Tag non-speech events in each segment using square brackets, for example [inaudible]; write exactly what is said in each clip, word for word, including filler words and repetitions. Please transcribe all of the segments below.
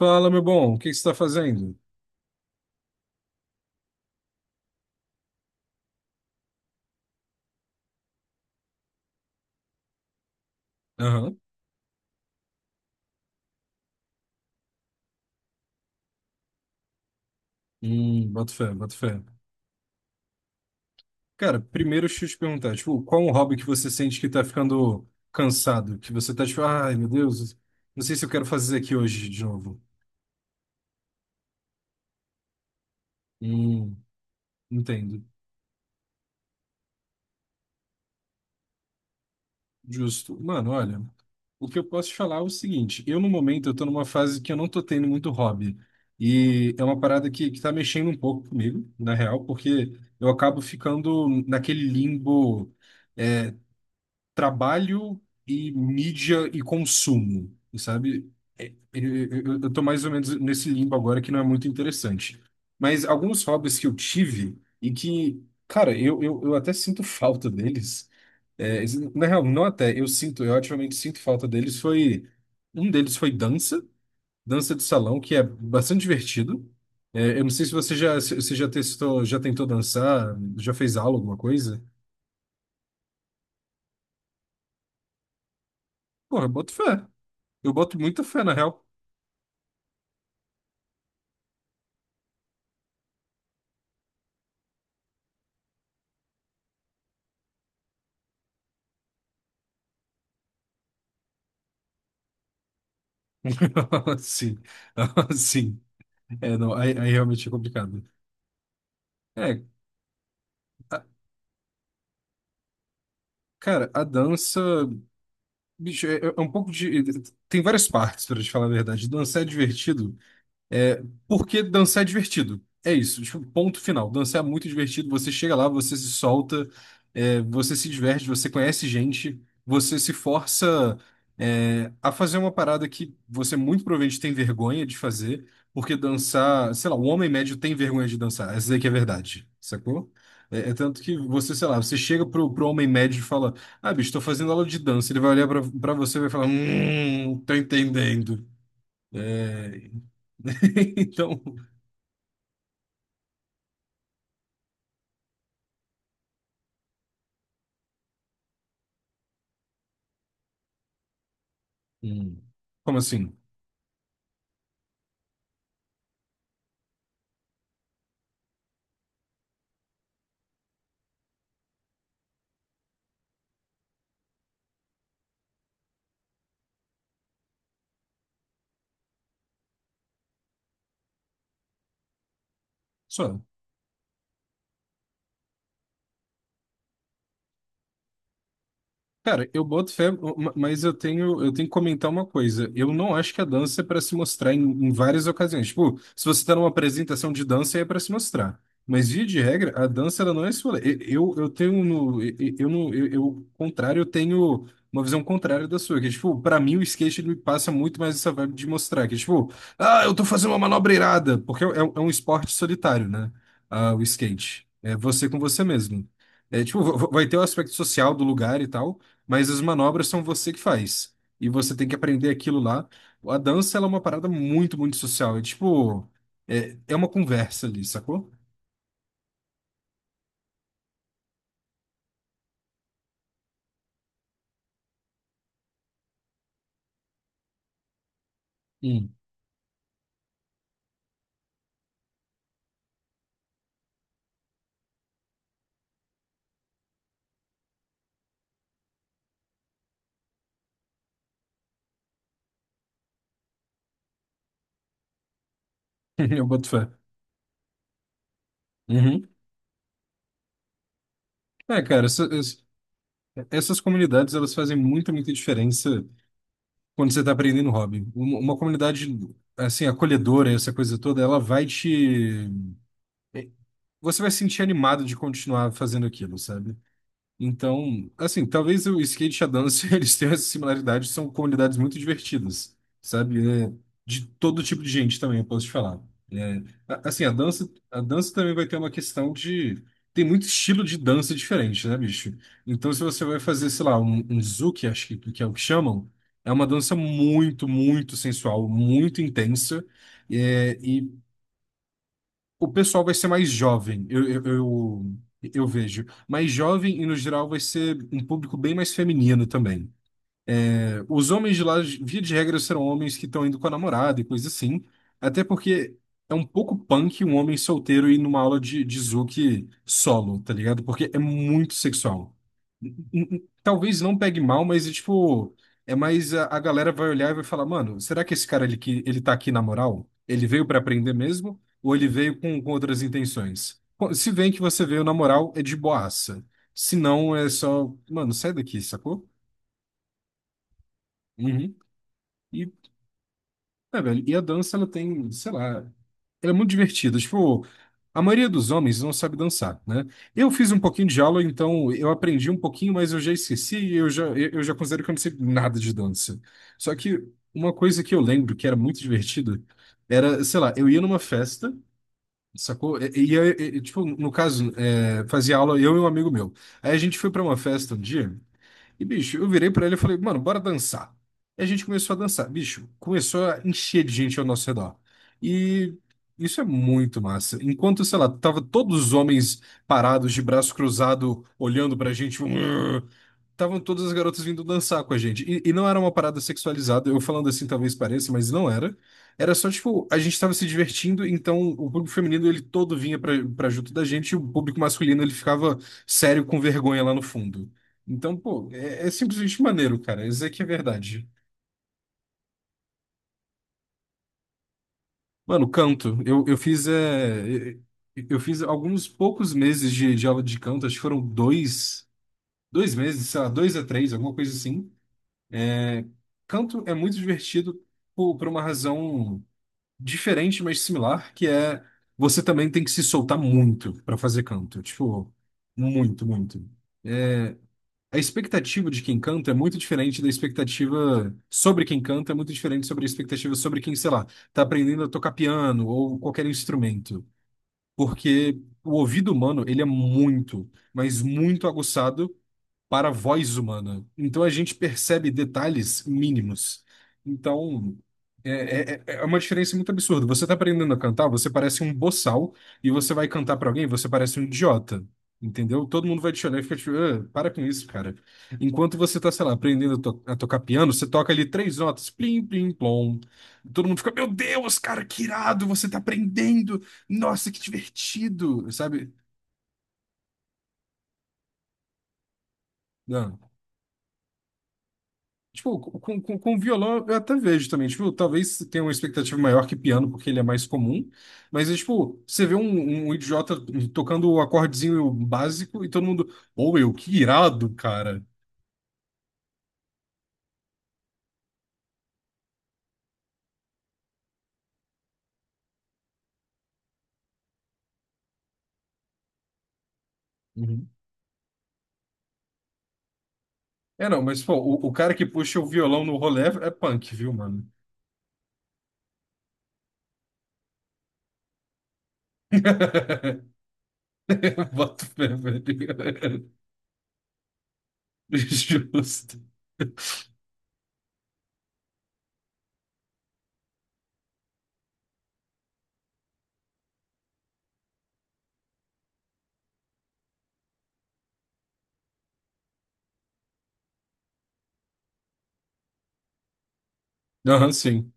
Fala, meu bom, o que que você está fazendo? Aham. Hum, boto fé, boto fé. Cara, primeiro deixa eu te perguntar, tipo, qual é um hobby que você sente que tá ficando cansado? Que você tá tipo, ai, meu Deus, não sei se eu quero fazer aqui hoje de novo. Hum, entendo. Justo. Mano, olha, o que eu posso te falar é o seguinte, eu no momento eu tô numa fase que eu não tô tendo muito hobby. E é uma parada que, que tá mexendo um pouco comigo, na real, porque eu acabo ficando naquele limbo trabalho e mídia e consumo, sabe? É, Eu, eu, eu tô mais ou menos nesse limbo agora que não é muito interessante. Mas alguns hobbies que eu tive e que, cara, eu, eu, eu até sinto falta deles. É, Na real, não até, eu sinto, eu ativamente sinto falta deles. Foi, um deles foi dança, dança de salão, que é bastante divertido. É, eu não sei se você já, se você já testou, já tentou dançar, já fez aula, alguma coisa. Porra, eu boto fé. Eu boto muita fé, na real. [laughs] Sim, [laughs] sim. É, não, aí, aí realmente é complicado. É, a- Cara, a dança, bicho, é, é um pouco de. Tem várias partes, pra te falar a verdade. Dançar é divertido. É, Porque dançar é divertido. É isso, tipo, ponto final. Dançar é muito divertido. Você chega lá, você se solta, é, você se diverte, você conhece gente, você se força, é, a fazer uma parada que você muito provavelmente tem vergonha de fazer, porque dançar, sei lá, o homem médio tem vergonha de dançar. Essa aí que é a verdade, sacou? É, é tanto que você, sei lá, você chega pro, pro homem médio e fala: Ah, bicho, tô fazendo aula de dança. Ele vai olhar pra, pra você e vai falar: Hum, tô entendendo. É, [laughs] Então, Hum. Como assim? Só. Cara, eu boto fé, ma- mas eu tenho, eu tenho que comentar uma coisa. Eu não acho que a dança é para se mostrar em, em várias ocasiões. Tipo, se você está numa apresentação de dança, aí é para se mostrar. Mas, via de regra, a dança ela não é esse rolê. E- Eu, eu tenho, no, e- e- eu, no, eu, eu, Contrário, eu tenho uma visão contrária da sua. Que, tipo, para mim, o skate ele me passa muito mais essa vibe de mostrar. Que, tipo, ah, eu tô fazendo uma manobra irada. Porque é, um é um esporte solitário, né? Ah, o skate. É você com você mesmo. É, tipo, va- va- vai ter o aspecto social do lugar e tal, mas as manobras são você que faz. E você tem que aprender aquilo lá. A dança, ela é uma parada muito, muito social. É tipo, é, é uma conversa ali, sacou? Hum. [laughs] Eu boto fé. Uhum. É, cara, essa- essa- essas comunidades, elas fazem muita, muita diferença quando você tá aprendendo hobby. Uma, uma comunidade, assim, acolhedora, essa coisa toda, ela vai te... é, Você vai se sentir animado de continuar fazendo aquilo, sabe? Então, assim, talvez o skate e a dança [laughs] eles tenham essa similaridade, são comunidades muito divertidas, sabe? É, de todo tipo de gente também, eu posso te falar. É, a- assim, a dança, a dança também vai ter uma questão de. Tem muito estilo de dança diferente, né, bicho? Então, se você vai fazer, sei lá, um, um zouk, acho que, que é o que chamam, é uma dança muito, muito sensual, muito intensa, o pessoal vai ser mais jovem, eu, eu, eu, eu vejo. Mais jovem e, no geral, vai ser um público bem mais feminino também. É, Os homens de lá, via de regra, serão homens que estão indo com a namorada e coisa assim. Até porque é um pouco punk um homem solteiro ir numa aula de, de Zouk solo, tá ligado? Porque é muito sexual. Talvez não pegue mal, mas é tipo, é mais a, a galera vai olhar e vai falar, mano, será que esse cara ele, que- ele tá aqui na moral? Ele veio pra aprender mesmo? Ou ele veio com, com outras intenções? Pô, se vem que você veio na moral, é de boaça. Se não, é só, mano, sai daqui, sacou? Uhum. E, é, Velho, e a dança, ela tem, sei lá, ela é muito divertido. Tipo, a maioria dos homens não sabe dançar, né? Eu fiz um pouquinho de aula, então eu aprendi um pouquinho, mas eu já esqueci e eu já, eu eu já considero que eu não sei nada de dança. Só que uma coisa que eu lembro que era muito divertida era, sei lá, eu ia numa festa, sacou? E, e- e- e, tipo, no caso, é, fazia aula eu e um amigo meu. Aí a gente foi pra uma festa um dia e, bicho, eu virei pra ele e falei, mano, bora dançar. E a gente começou a dançar. Bicho, começou a encher de gente ao nosso redor. E isso é muito massa. Enquanto, sei lá, tava todos os homens parados, de braço cruzado, olhando pra gente, "Urgh", estavam todas as garotas vindo dançar com a gente. E, e não era uma parada sexualizada, eu falando assim talvez pareça, mas não era. Era só, tipo, a gente tava se divertindo, então o público feminino, ele todo vinha pra, pra junto da gente, e o público masculino, ele ficava sério com vergonha lá no fundo. Então, pô, é, é simplesmente maneiro, cara. Isso aqui é verdade. Mano, canto. Eu, eu fiz, é, é, eu fiz alguns poucos meses de, de aula de canto, acho que foram dois, dois meses, sei lá, dois a três, alguma coisa assim. É, canto é muito divertido por, por uma razão diferente, mas similar, que é você também tem que se soltar muito para fazer canto. Tipo, muito, muito. A expectativa de quem canta é muito diferente da expectativa sobre quem canta, é muito diferente sobre a expectativa sobre quem, sei lá, tá aprendendo a tocar piano ou qualquer instrumento. Porque o ouvido humano, ele é muito, mas muito aguçado para a voz humana. Então a gente percebe detalhes mínimos. Então é, é- é é uma diferença muito absurda. Você está aprendendo a cantar, você parece um boçal, e você vai cantar para alguém, você parece um idiota. Entendeu? Todo mundo vai te olhar e fica tipo, "Ah, para com isso, cara." Enquanto você tá, sei lá, aprendendo a, to- a tocar piano, você toca ali três notas, plim, plim, plom. Todo mundo fica, meu Deus, cara, que irado, você tá aprendendo. Nossa, que divertido, sabe? Tipo, com, com, com violão eu até vejo também. Tipo, talvez tenha uma expectativa maior que piano, porque ele é mais comum. Mas, é, tipo, você vê um, um um idiota tocando o acordezinho básico e todo mundo, ou eu, que irado, cara. Uhum. É, não, mas, pô, o, o cara que puxa o violão no rolê é punk, viu, mano? [laughs] Bota fé, velho. [laughs] Justo. Aham, sim.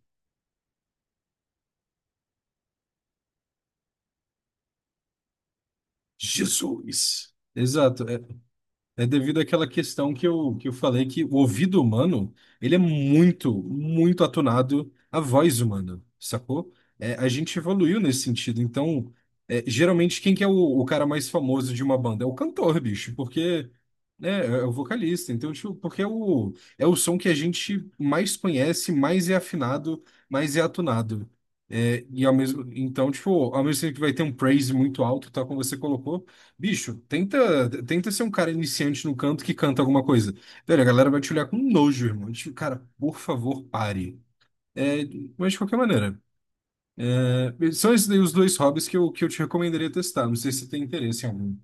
Jesus. Exato. É devido àquela questão que eu, que eu falei que o ouvido humano, ele é muito, muito atunado à voz humana, sacou? É, a gente evoluiu nesse sentido. Então, é, geralmente, quem que é o, o cara mais famoso de uma banda? É o cantor, bicho, porque né, é é o vocalista. Então, tipo, porque é o, é o som que a gente mais conhece, mais é afinado, mais é atunado. É, e ao mesmo, então, tipo, ao mesmo tempo que vai ter um praise muito alto, tal como você colocou, bicho, tenta, tenta ser um cara iniciante no canto que canta alguma coisa. Velho, a galera vai te olhar com nojo, irmão. Tipo, cara, por favor, pare. É, mas de qualquer maneira, é, são esses daí os dois hobbies que eu, que eu te recomendaria testar. Não sei se você tem interesse em algum.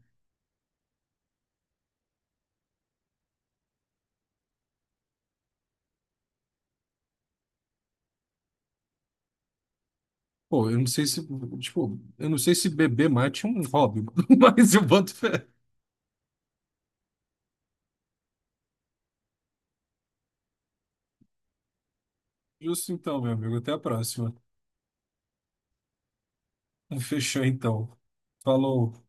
Pô, eu não sei se, tipo, eu não sei se beber mate é um hobby, [laughs] mas eu boto fé. Justo então, meu amigo. Até a próxima. Fechou então. Falou.